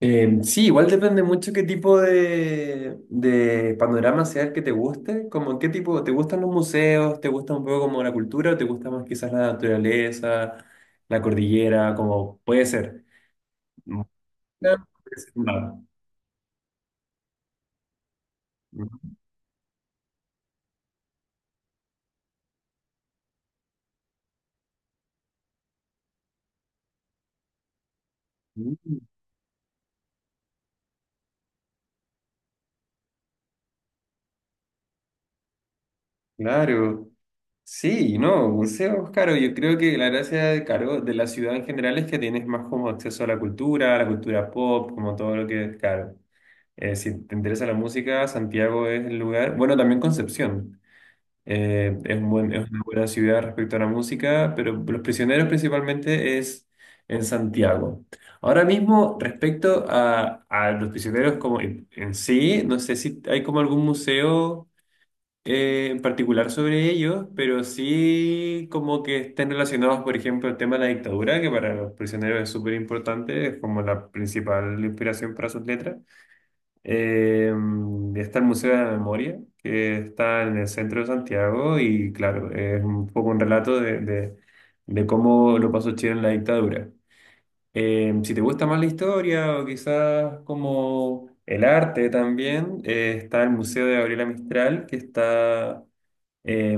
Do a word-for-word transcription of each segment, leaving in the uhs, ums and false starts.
Eh, sí, igual depende mucho qué tipo de, de panorama sea el que te guste, como qué tipo, ¿te gustan los museos? ¿Te gusta un poco como la cultura o te gusta más quizás la naturaleza, la cordillera, como puede ser? No, puede ser nada. Mm. Claro. Sí, no, museos, claro, yo creo que la gracia de, claro, de la ciudad en general es que tienes más como acceso a la cultura, a la cultura pop, como todo lo que, claro. Eh, si te interesa la música, Santiago es el lugar. Bueno, también Concepción. Eh, es un buen- es una buena ciudad respecto a la música, pero Los Prisioneros principalmente es en Santiago. Ahora mismo, respecto a, a Los Prisioneros como en, en sí, no sé si hay como algún museo eh, en particular sobre ellos, pero sí como que estén relacionados, por ejemplo, el tema de la dictadura, que para Los Prisioneros es súper importante, es como la principal inspiración para sus letras. Eh, está el Museo de la Memoria, que está en el centro de Santiago y claro, es un poco un relato de, de- de cómo lo pasó Chile en la dictadura. Eh, si te gusta más la historia o quizás como el arte también, eh, está el Museo de Gabriela Mistral, que está eh,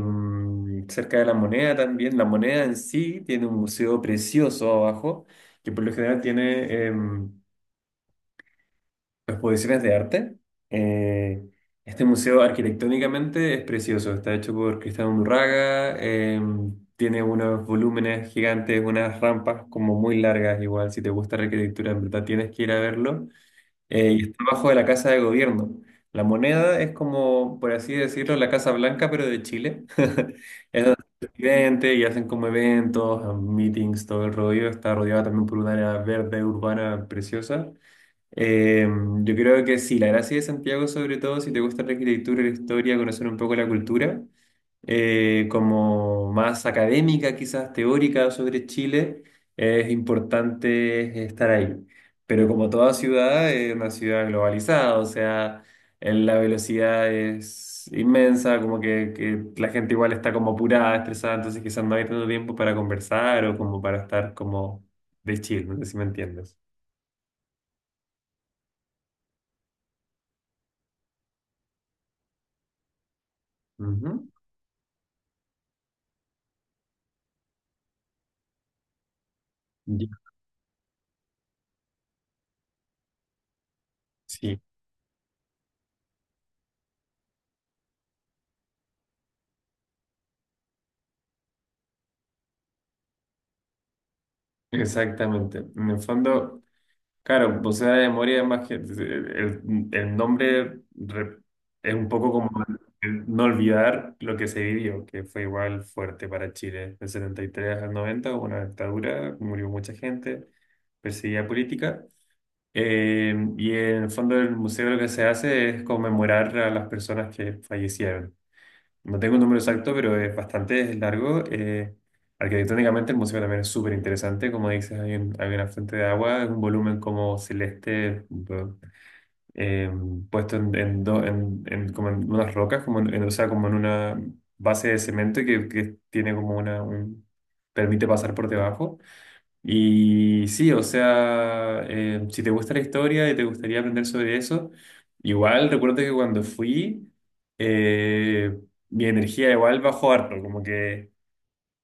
cerca de La Moneda también. La Moneda en sí tiene un museo precioso abajo, que por lo general tiene... em, exposiciones de arte. Eh, este museo arquitectónicamente es precioso, está hecho por Cristian Undurraga, eh, tiene unos volúmenes gigantes, unas rampas como muy largas, igual si te gusta la arquitectura, en verdad tienes que ir a verlo. Eh, y está bajo de la Casa de Gobierno. La moneda es como, por así decirlo, la Casa Blanca, pero de Chile. Es donde está el presidente y hacen como eventos, meetings, todo el rollo. Está rodeada también por un área verde urbana preciosa. Eh, yo creo que sí, la gracia de Santiago, sobre todo, si te gusta la arquitectura, la historia, conocer un poco la cultura, eh, como más académica, quizás teórica sobre Chile, es importante estar ahí. Pero como toda ciudad, es una ciudad globalizada, o sea, en la velocidad es inmensa, como que, que la gente igual está como apurada, estresada, entonces quizás no hay tanto tiempo para conversar o como para estar como de chill, no sé si me entiendes. Ujú. Ya. Sí. Exactamente. En el fondo, claro, pulsera de memoria es más que el, el nombre re- es un poco como el no olvidar lo que se vivió, que fue igual fuerte para Chile. Del setenta y tres al noventa, hubo una dictadura, murió mucha gente, perseguida política. Eh, y en el fondo del museo lo que se hace es conmemorar a las personas que fallecieron. No tengo un número exacto, pero es bastante largo. Eh, arquitectónicamente el museo también es súper interesante. Como dices, hay, un- hay una fuente de agua, es un volumen como celeste bu- eh, puesto en, en, do- en- en- como en unas rocas, como en, en- o sea, como en una base de cemento que, que tiene como una... un- permite pasar por debajo. Y sí, o sea, eh, si te gusta la historia y te gustaría aprender sobre eso, igual recuerdo que cuando fui, eh, mi energía igual bajó harto, como que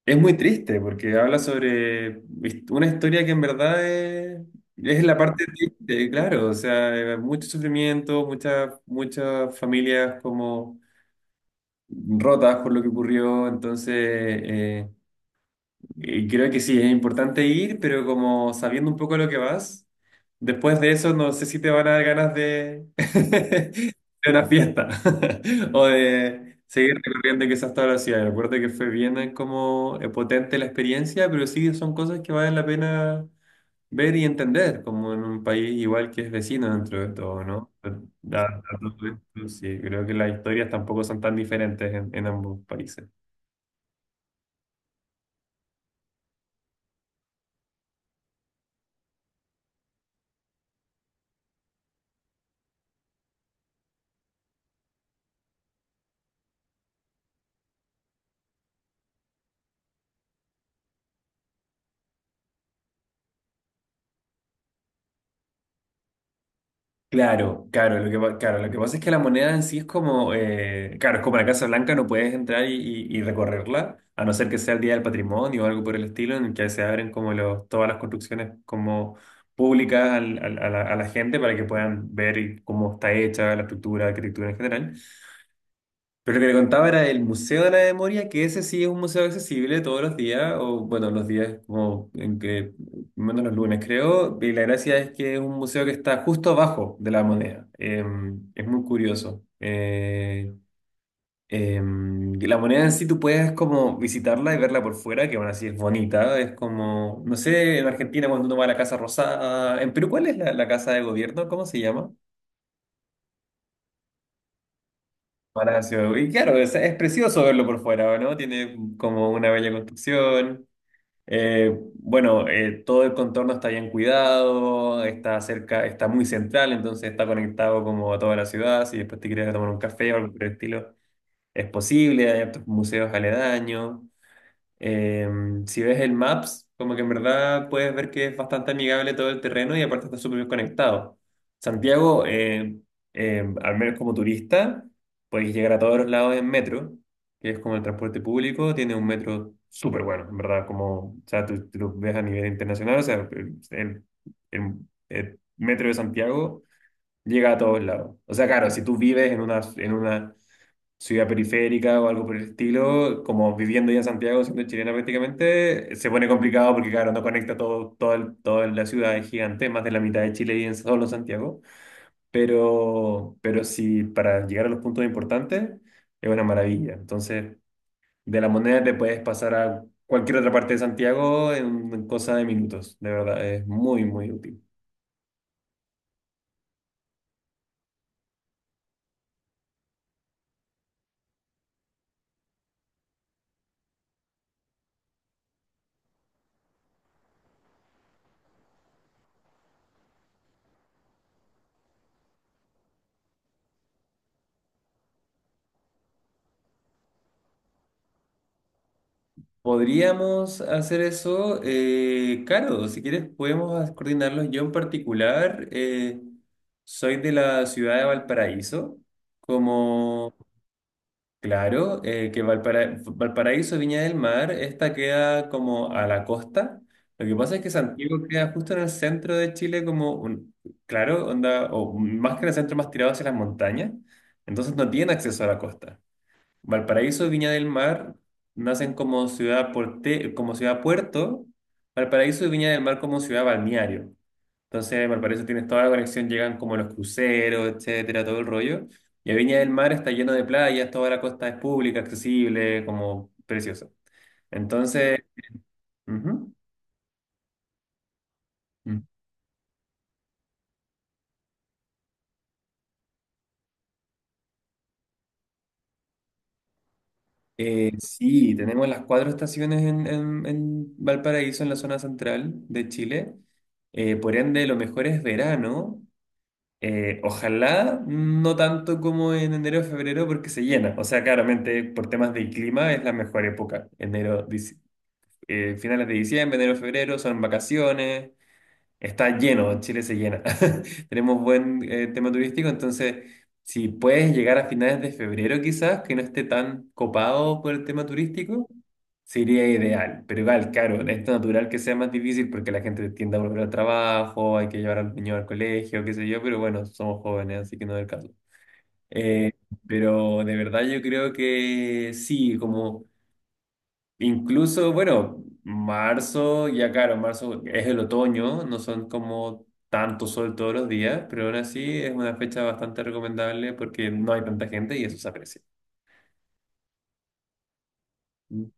es muy triste porque habla sobre hist- una historia que en verdad es, es la parte triste, claro, o sea, eh, mucho sufrimiento, muchas muchas familias como rotas por lo que ocurrió, entonces... eh, y creo que sí, es importante ir, pero como sabiendo un poco lo que vas, después de eso no sé si te van a dar ganas de, de una fiesta o de seguir recorriendo quizás toda la ciudad. Recuerdo que fue bien eh, como eh, potente la experiencia, pero sí son cosas que valen la pena ver y entender, como en un país igual que es vecino dentro de todo, ¿no? Da- da todo esto, sí, creo que las historias tampoco son tan diferentes en en ambos países. Claro, claro, lo que, pa- claro, lo que pasa es que la moneda en sí es como, eh, claro, es como la Casa Blanca, no puedes entrar y, y- y recorrerla, a no ser que sea el Día del Patrimonio o algo por el estilo, en el que se abren como los, todas las construcciones como públicas al- al- a la, a la gente para que puedan ver y cómo está hecha la estructura, la arquitectura en general. Pero lo que le contaba era el Museo de la Memoria, que ese sí es un museo accesible todos los días, o bueno, los días como en que, menos los lunes creo, y la gracia es que es un museo que está justo abajo de la moneda. Eh, es muy curioso. Eh, eh, y la moneda en sí tú puedes como visitarla y verla por fuera, que aún así es bonita, es como, no sé, en Argentina cuando uno va a la Casa Rosada, en Perú, ¿cuál es la, la casa de gobierno? ¿Cómo se llama? Palacio. Y claro, es, es precioso verlo por fuera, ¿no? Tiene como una bella construcción. Eh, bueno, eh, todo el contorno está bien cuidado, está cerca, está muy central, entonces está conectado como a toda la ciudad. Si después te quieres tomar un café o algo por el estilo, es posible. Hay otros museos aledaños. Em, si ves el Maps, como que en verdad puedes ver que es bastante amigable todo el terreno y aparte está súper bien conectado. Santiago, eh, em, al menos como turista, puedes llegar a todos los lados en metro, que es como el transporte público, tiene un metro súper bueno, en verdad, como, o sea, tú, tú lo ves a nivel internacional, o sea, el, el- el- el metro de Santiago llega a todos lados. O sea, claro, si tú vives en una, en una ciudad periférica o algo por el estilo, como viviendo ya en Santiago, siendo chilena prácticamente, se pone complicado porque, claro, no conecta todo, todo el- toda la ciudad, es gigante, más de la mitad de Chile y en solo Santiago. Pero, pero sí, para llegar a los puntos importantes, es una maravilla. Entonces, de La Moneda te puedes pasar a cualquier otra parte de Santiago en, en cosa de minutos, de verdad, es muy, muy útil. Podríamos hacer eso, eh, claro, si quieres podemos coordinarlo. Yo en particular eh, soy de la ciudad de Valparaíso, como, claro, eh, que Valpara- Valparaíso, Viña del Mar, esta queda como a la costa. Lo que pasa es que Santiago queda justo en el centro de Chile, como un, claro, onda, o más que en el centro, más tirado hacia las montañas, entonces no tiene acceso a la costa. Valparaíso y Viña del Mar nacen como ciudad porte- como ciudad puerto, Valparaíso y Viña del Mar como ciudad balneario. Entonces, Valparaíso tienes toda la conexión, llegan como los cruceros, etcétera, todo el rollo. Y a Viña del Mar está lleno de playas, toda la costa es pública, accesible, como precioso. Entonces, ujú. Mm. Eh, sí, tenemos las cuatro estaciones en, en- en Valparaíso, en la zona central de Chile. Eh, por ende, lo mejor es verano. Eh, ojalá no tanto como en enero o febrero porque se llena. O sea, claramente por temas de clima es la mejor época. Enero, dic- eh, finales de diciembre, enero, febrero son vacaciones. Está lleno, Chile se llena. Tenemos buen eh, tema turístico, entonces si puedes llegar a finales de febrero quizás, que no esté tan copado por el tema turístico, sería ideal. Pero igual, claro, es natural que sea más difícil porque la gente tiende a volver al trabajo, hay que llevar al niño al colegio, qué sé yo, pero bueno, somos jóvenes, así que no es el caso. Eh, pero de verdad yo creo que sí, como... Incluso, bueno, marzo, ya claro, marzo es el otoño, no son como tanto sol todos los días, pero aún así es una fecha bastante recomendable porque no hay tanta gente y eso se aprecia. Mm.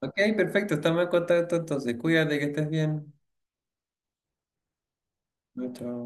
Ok, perfecto, estamos en contacto entonces. Cuídate, que estés bien. Chao. Chao.